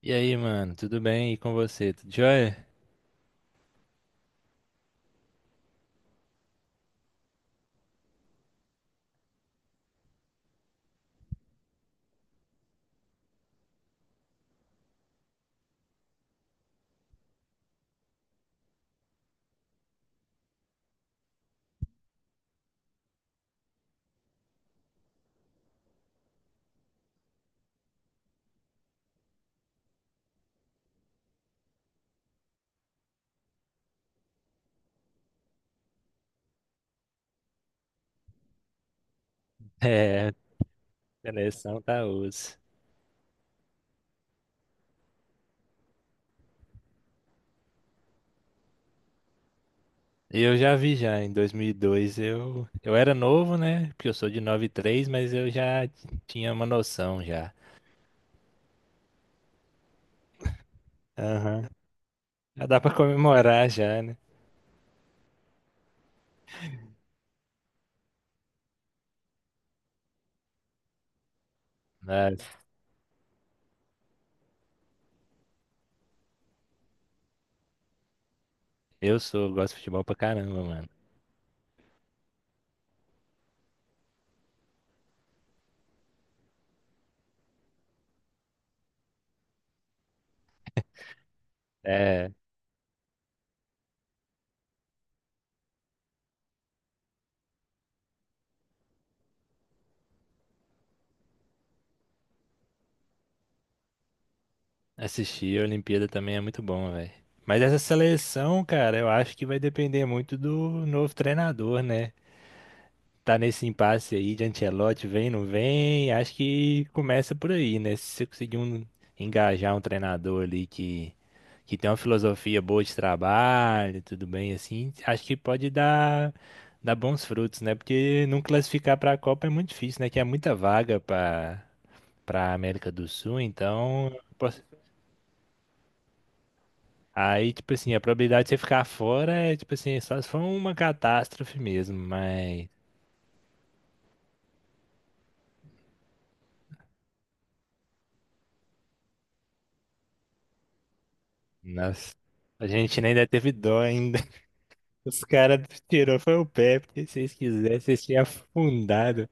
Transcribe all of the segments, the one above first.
E aí, mano, tudo bem? E com você? Tudo jóia? É, seleção tá osso. Eu já vi já, em 2002 eu era novo, né? Porque eu sou de 93, mas eu tinha uma noção já. Aham. Já dá pra comemorar já, né? Mas eu sou, gosto de futebol pra caramba, mano. É, assistir a Olimpíada também é muito bom, velho. Mas essa seleção, cara, eu acho que vai depender muito do novo treinador, né? Tá nesse impasse aí de Ancelotti, vem, não vem, acho que começa por aí, né? Se você conseguir um- Engajar um treinador ali que tem uma filosofia boa de trabalho, tudo bem, assim, acho que pode dar bons frutos, né? Porque não classificar pra Copa é muito difícil, né? Que é muita vaga pra América do Sul, então. poss- Aí, tipo assim, a probabilidade de você ficar fora é, tipo assim, só se for uma catástrofe mesmo, mas. Nossa. A gente nem deve teve dó ainda. Os caras tirou foi o pé, porque se vocês quisessem, vocês tinham afundado.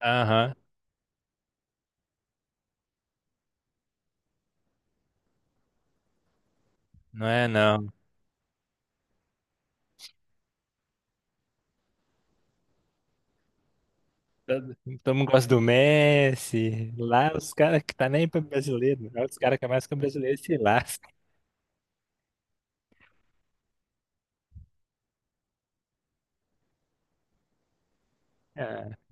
Aham, não é não. Todo- Todo mundo gosta do Messi. Lá os caras que tá nem pra brasileiro. Lá os caras que é mais que o brasileiro se lascam.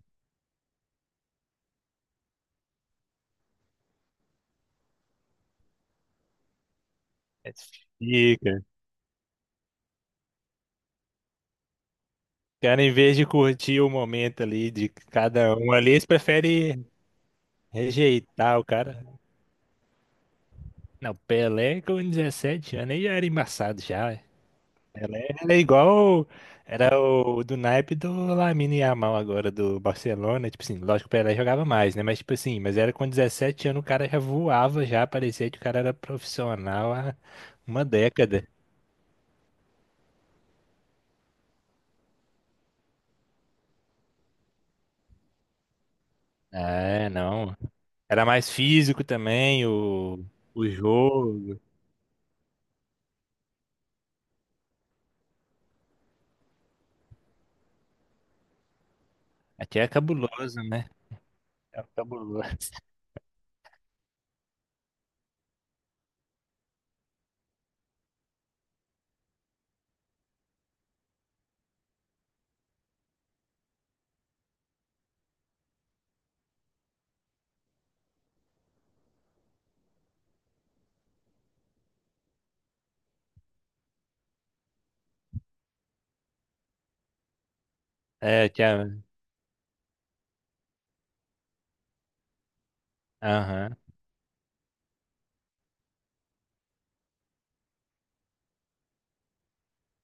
Ah, fica. Os caras, em vez de curtir o momento ali de cada um ali, eles preferem rejeitar o cara. Não, Pelé com 17 anos aí já era embaçado já. Ela é igual. Era o do naipe do Lamine Yamal agora, do Barcelona. Tipo assim, lógico, que o Pelé jogava mais, né? Mas, tipo assim, mas era com 17 anos, o cara já voava, já parecia que o cara era profissional há uma década. É, não. Era mais físico também, o jogo. Até é cabuloso, né? É cabuloso. É, tinha. Aham.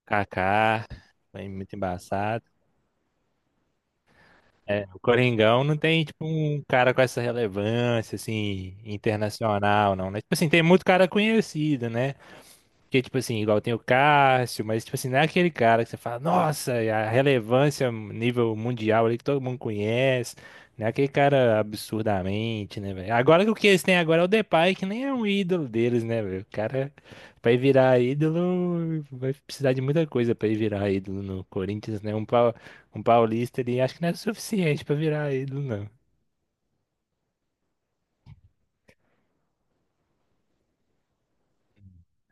Kaká. Foi muito embaçado. É, o Coringão não tem, tipo, um cara com essa relevância, assim, internacional, não, né? Tipo assim, tem muito cara conhecido, né? Porque, tipo assim, igual tem o Cássio, mas, tipo assim, não é aquele cara que você fala, nossa, e a relevância nível mundial ali que todo mundo conhece. Não é aquele cara absurdamente, né, velho? Agora que o que eles têm agora é o Depay, que nem é um ídolo deles, né, velho? O cara, pra ele virar ídolo, vai precisar de muita coisa pra ele virar ídolo no Corinthians, né? Um paulista ali, acho que não é suficiente pra virar ídolo, não.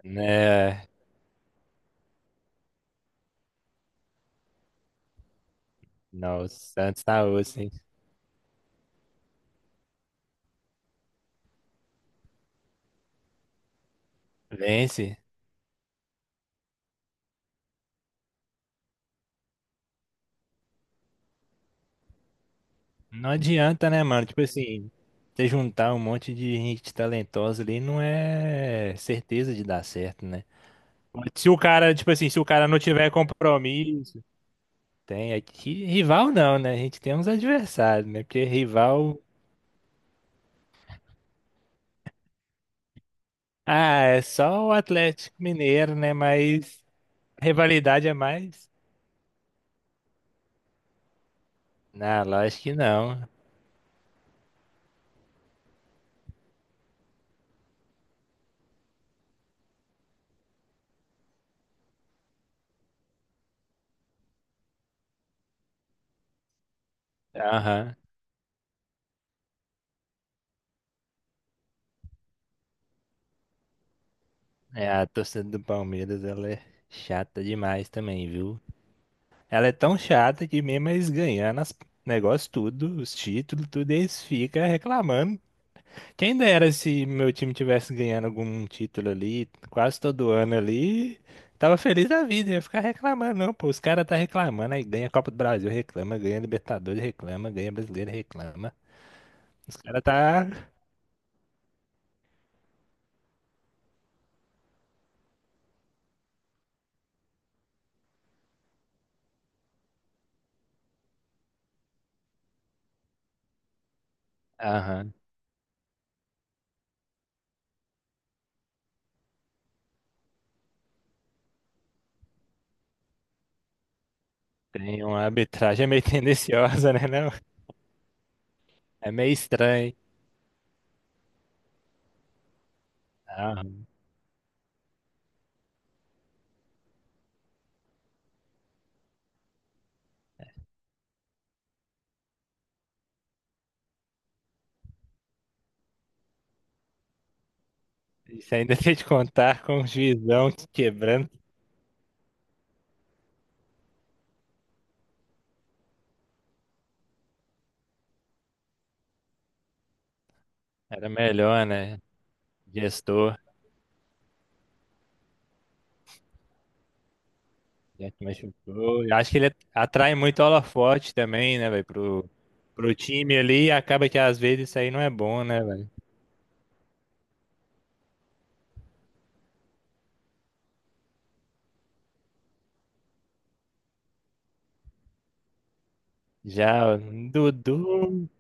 Né? Não, o Santos tá osso, hein? Vence. Não adianta, né, mano? Tipo assim, você juntar um monte de gente talentosa ali não é certeza de dar certo, né? Se o cara, tipo assim, se o cara não tiver compromisso, tem aqui rival não, né? A gente tem uns adversários, né? Porque rival, ah, é só o Atlético Mineiro, né? Mas rivalidade é mais? Não, lógico que não. Aham. É, a torcida do Palmeiras, ela é chata demais também, viu? Ela é tão chata que mesmo eles ganhando as negócios tudo, os títulos, tudo, eles ficam reclamando. Quem dera se meu time tivesse ganhando algum título ali, quase todo ano ali, tava feliz da vida, ia ficar reclamando, não, pô, os caras tá reclamando, aí ganha Copa do Brasil, reclama, ganha Libertadores, reclama, ganha Brasileiro, reclama. Os caras tá... Aham, tem uma arbitragem meio tendenciosa, né, não? É meio estranho. Aham. Isso ainda tem de contar com o juizão quebrando. Era melhor, né? Gestor, já se machucou. Eu acho que ele atrai muito holofote também, né, velho, pro time ali. E acaba que às vezes isso aí não é bom, né, velho? Já o Dudu,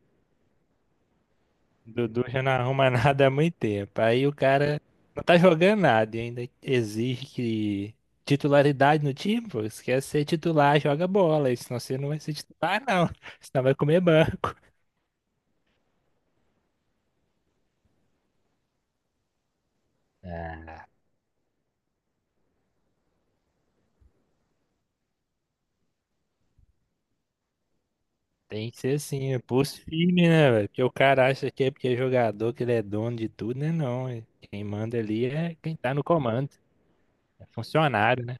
Dudu já não arruma nada há muito tempo. Aí o cara não tá jogando nada e ainda exige que titularidade no time, pô. Se quer ser titular, joga bola. Senão você não vai ser titular, não. Senão vai comer banco. Tem que ser assim, é posto firme, né, velho? Porque o cara acha que é porque é jogador, que ele é dono de tudo, né? Não, quem manda ali é quem tá no comando, é funcionário, né?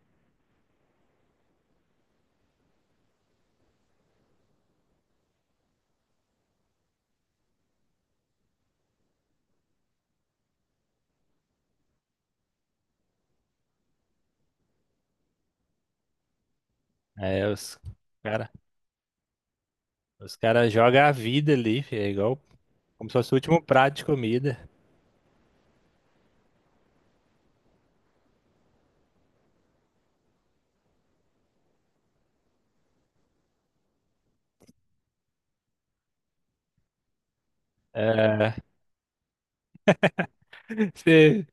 É, cara, os caras jogam a vida ali, fi, é igual como se fosse o último prato de comida. É,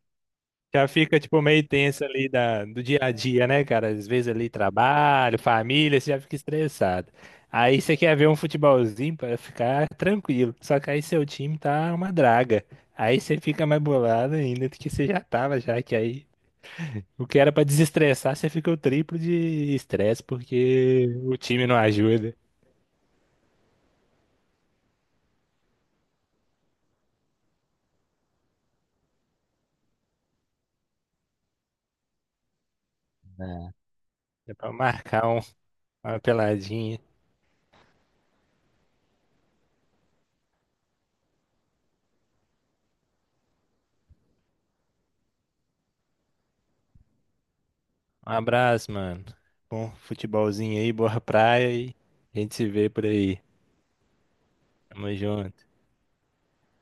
já fica, tipo, meio tenso ali do dia a dia, né, cara? Às vezes ali trabalho, família, você já fica estressado. Aí você quer ver um futebolzinho pra ficar tranquilo. Só que aí seu time tá uma draga. Aí você fica mais bolado ainda do que você já tava, já que aí o que era pra desestressar, você fica o triplo de estresse porque o time não ajuda. É pra marcar uma peladinha. Um abraço, mano. Bom futebolzinho aí, boa praia e a gente se vê por aí. Tamo junto.